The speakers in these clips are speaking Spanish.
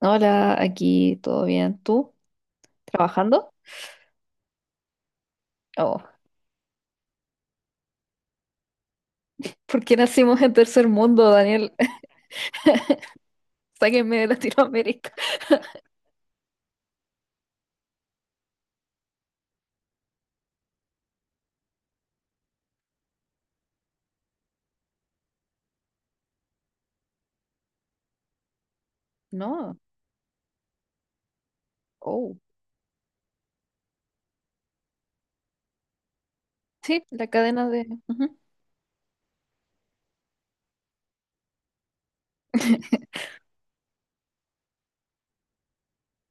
Hola, aquí todo bien. ¿Tú? ¿Trabajando? Oh, ¿por qué nacimos en tercer mundo, Daniel? Sáquenme de Latinoamérica. No. Oh. Sí, la cadena de... Ujú.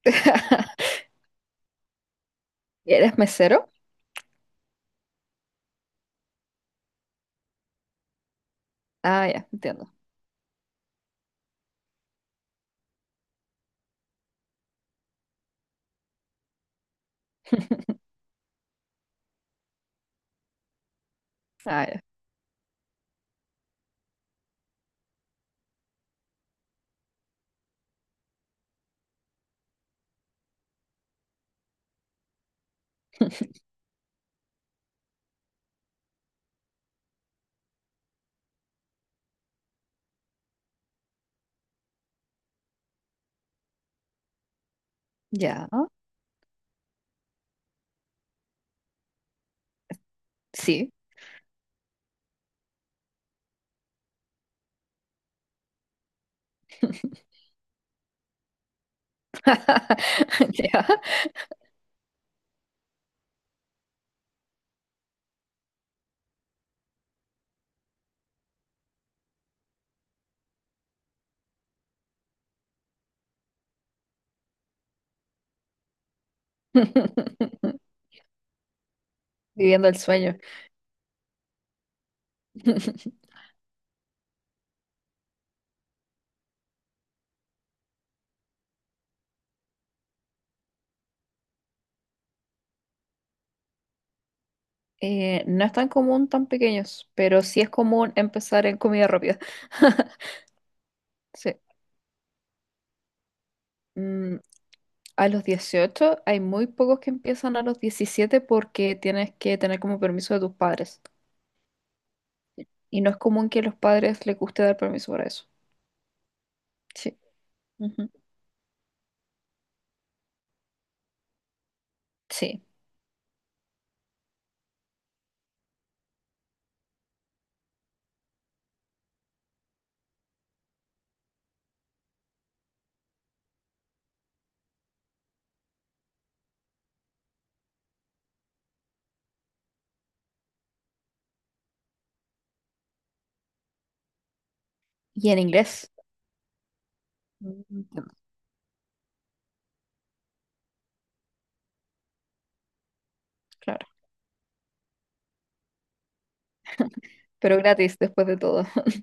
¿Eres mesero? Ah, ya, entiendo. Ah, ya. Ya, sí. Ya. Viviendo el sueño. No es tan común tan pequeños, pero sí es común empezar en comida rápida. Sí. Mm, A los 18 hay muy pocos que empiezan a los 17 porque tienes que tener como permiso de tus padres. Y no es común que a los padres les guste dar permiso para eso. Sí. Ujú. Sí. Y en inglés. Mm, entiendo. Claro. Pero gratis después de todo.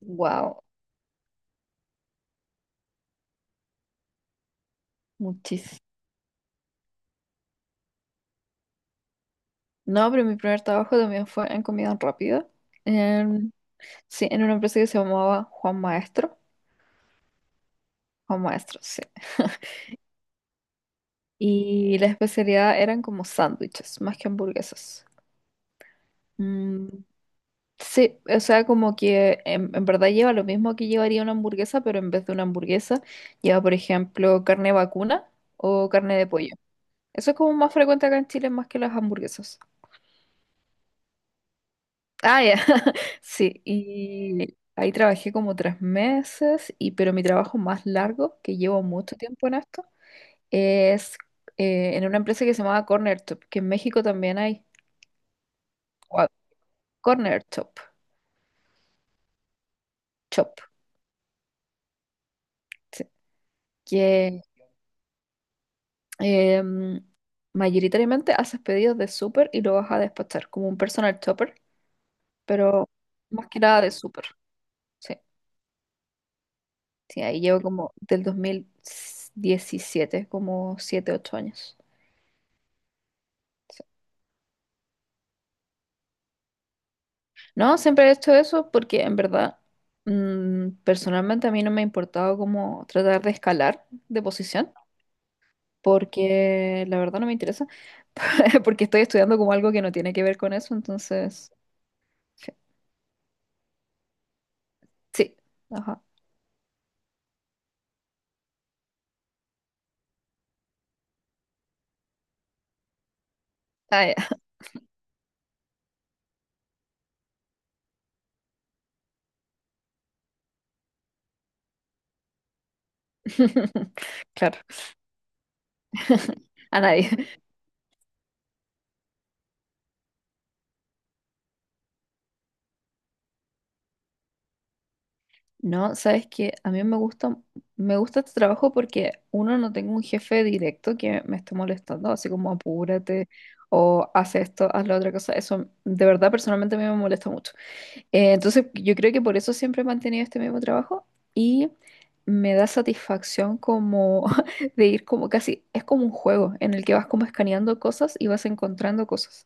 Wow. Muchísimo. No, pero mi primer trabajo también fue en comida rápida. En- sí, en una empresa que se llamaba Juan Maestro. Juan Maestro, sí. Y la especialidad eran como sándwiches, más que hamburguesas. Mm, sí, o sea, como que en verdad lleva lo mismo que llevaría una hamburguesa, pero en vez de una hamburguesa lleva, por ejemplo, carne vacuna o carne de pollo. Eso es como más frecuente acá en Chile más que las hamburguesas. Ah, ya. Sí, y ahí trabajé como 3 meses, y, pero mi trabajo más largo, que llevo mucho tiempo en esto, es en una empresa que se llamaba Corner Top, que en México también hay. Wow. Corner Top, Chop. Sí, eh, mayoritariamente haces pedidos de súper y lo vas a despachar como un personal shopper, pero más que nada de súper. Sí, sí, ahí llevo como del 2017 como 7 8 años. Sí. No, siempre he hecho eso porque en verdad, personalmente a mí no me ha importado como tratar de escalar de posición. Porque la verdad no me interesa, porque estoy estudiando como algo que no tiene que ver con eso, entonces, sí, sí, ajá. Ah, claro, a nadie. No, sabes que a mí me gusta este trabajo porque uno no tengo un jefe directo que me esté molestando, así como apúrate o haz esto, haz la otra cosa. Eso de verdad personalmente a mí me molesta mucho. Entonces yo creo que por eso siempre he mantenido este mismo trabajo y me da satisfacción como de ir como casi, es como un juego en el que vas como escaneando cosas y vas encontrando cosas.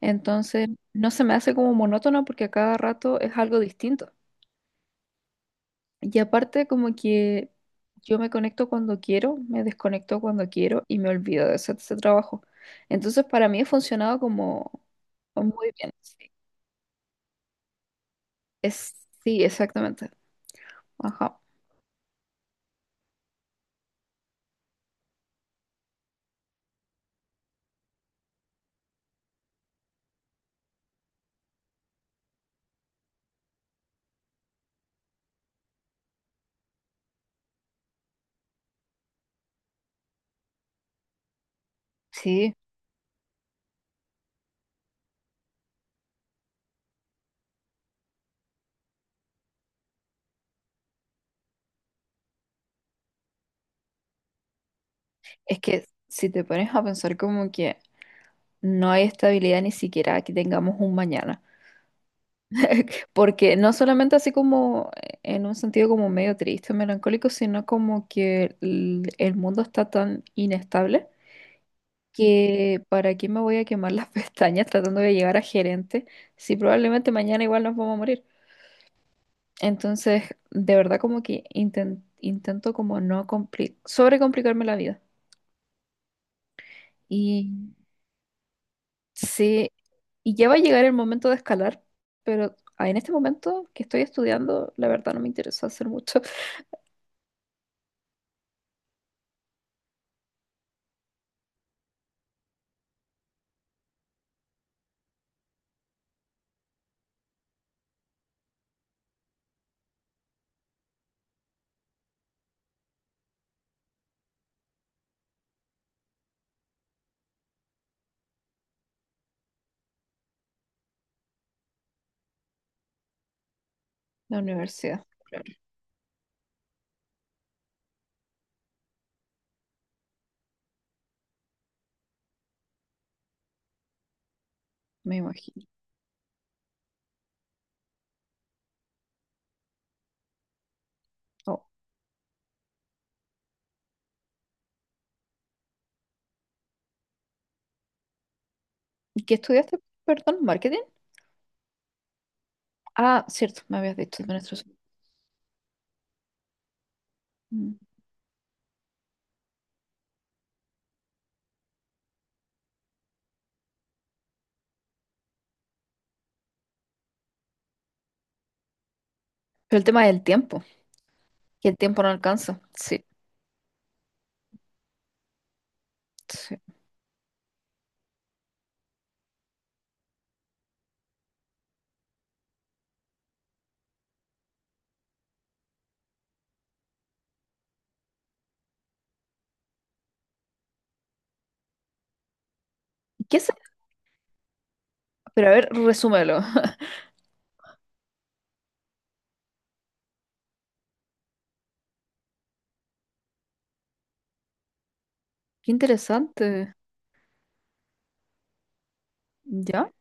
Entonces, no se me hace como monótono porque a cada rato es algo distinto. Y aparte, como que yo me conecto cuando quiero, me desconecto cuando quiero y me olvido de hacer ese trabajo. Entonces, para mí ha funcionado como muy bien. Sí, es, sí, exactamente. Ajá. Sí, es que si te pones a pensar como que no hay estabilidad ni siquiera que tengamos un mañana. Porque no solamente así como en un sentido como medio triste, melancólico, sino como que el mundo está tan inestable que para qué me voy a quemar las pestañas tratando de llegar a gerente si probablemente mañana igual nos vamos a morir. Entonces, de verdad como que intento como no sobrecomplicarme la vida. Y sí, y ya va a llegar el momento de escalar, pero en este momento que estoy estudiando, la verdad no me interesa hacer mucho la universidad. Me imagino. Oh, ¿qué estudiaste? Perdón, marketing. Ah, cierto, me habías dicho administración. Mm. Pero el tema del tiempo, que el tiempo no alcanza. Sí, sí. ¿Qué es? Pero a ver, resúmelo. Qué interesante. ¿Ya?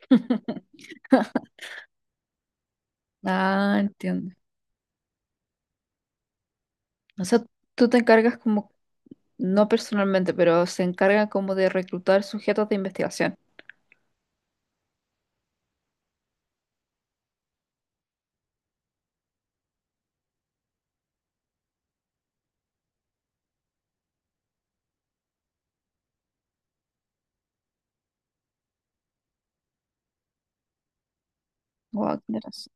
Ah, entiendo. O sea, tú te encargas como no personalmente, pero se encarga como de reclutar sujetos de investigación. Guau, qué interesante.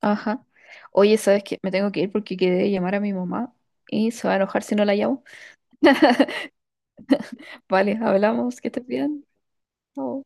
Ajá. Oye, ¿sabes qué? Me tengo que ir porque quedé de llamar a mi mamá y se va a enojar si no la llamo. Vale, hablamos, que estés bien. Chao.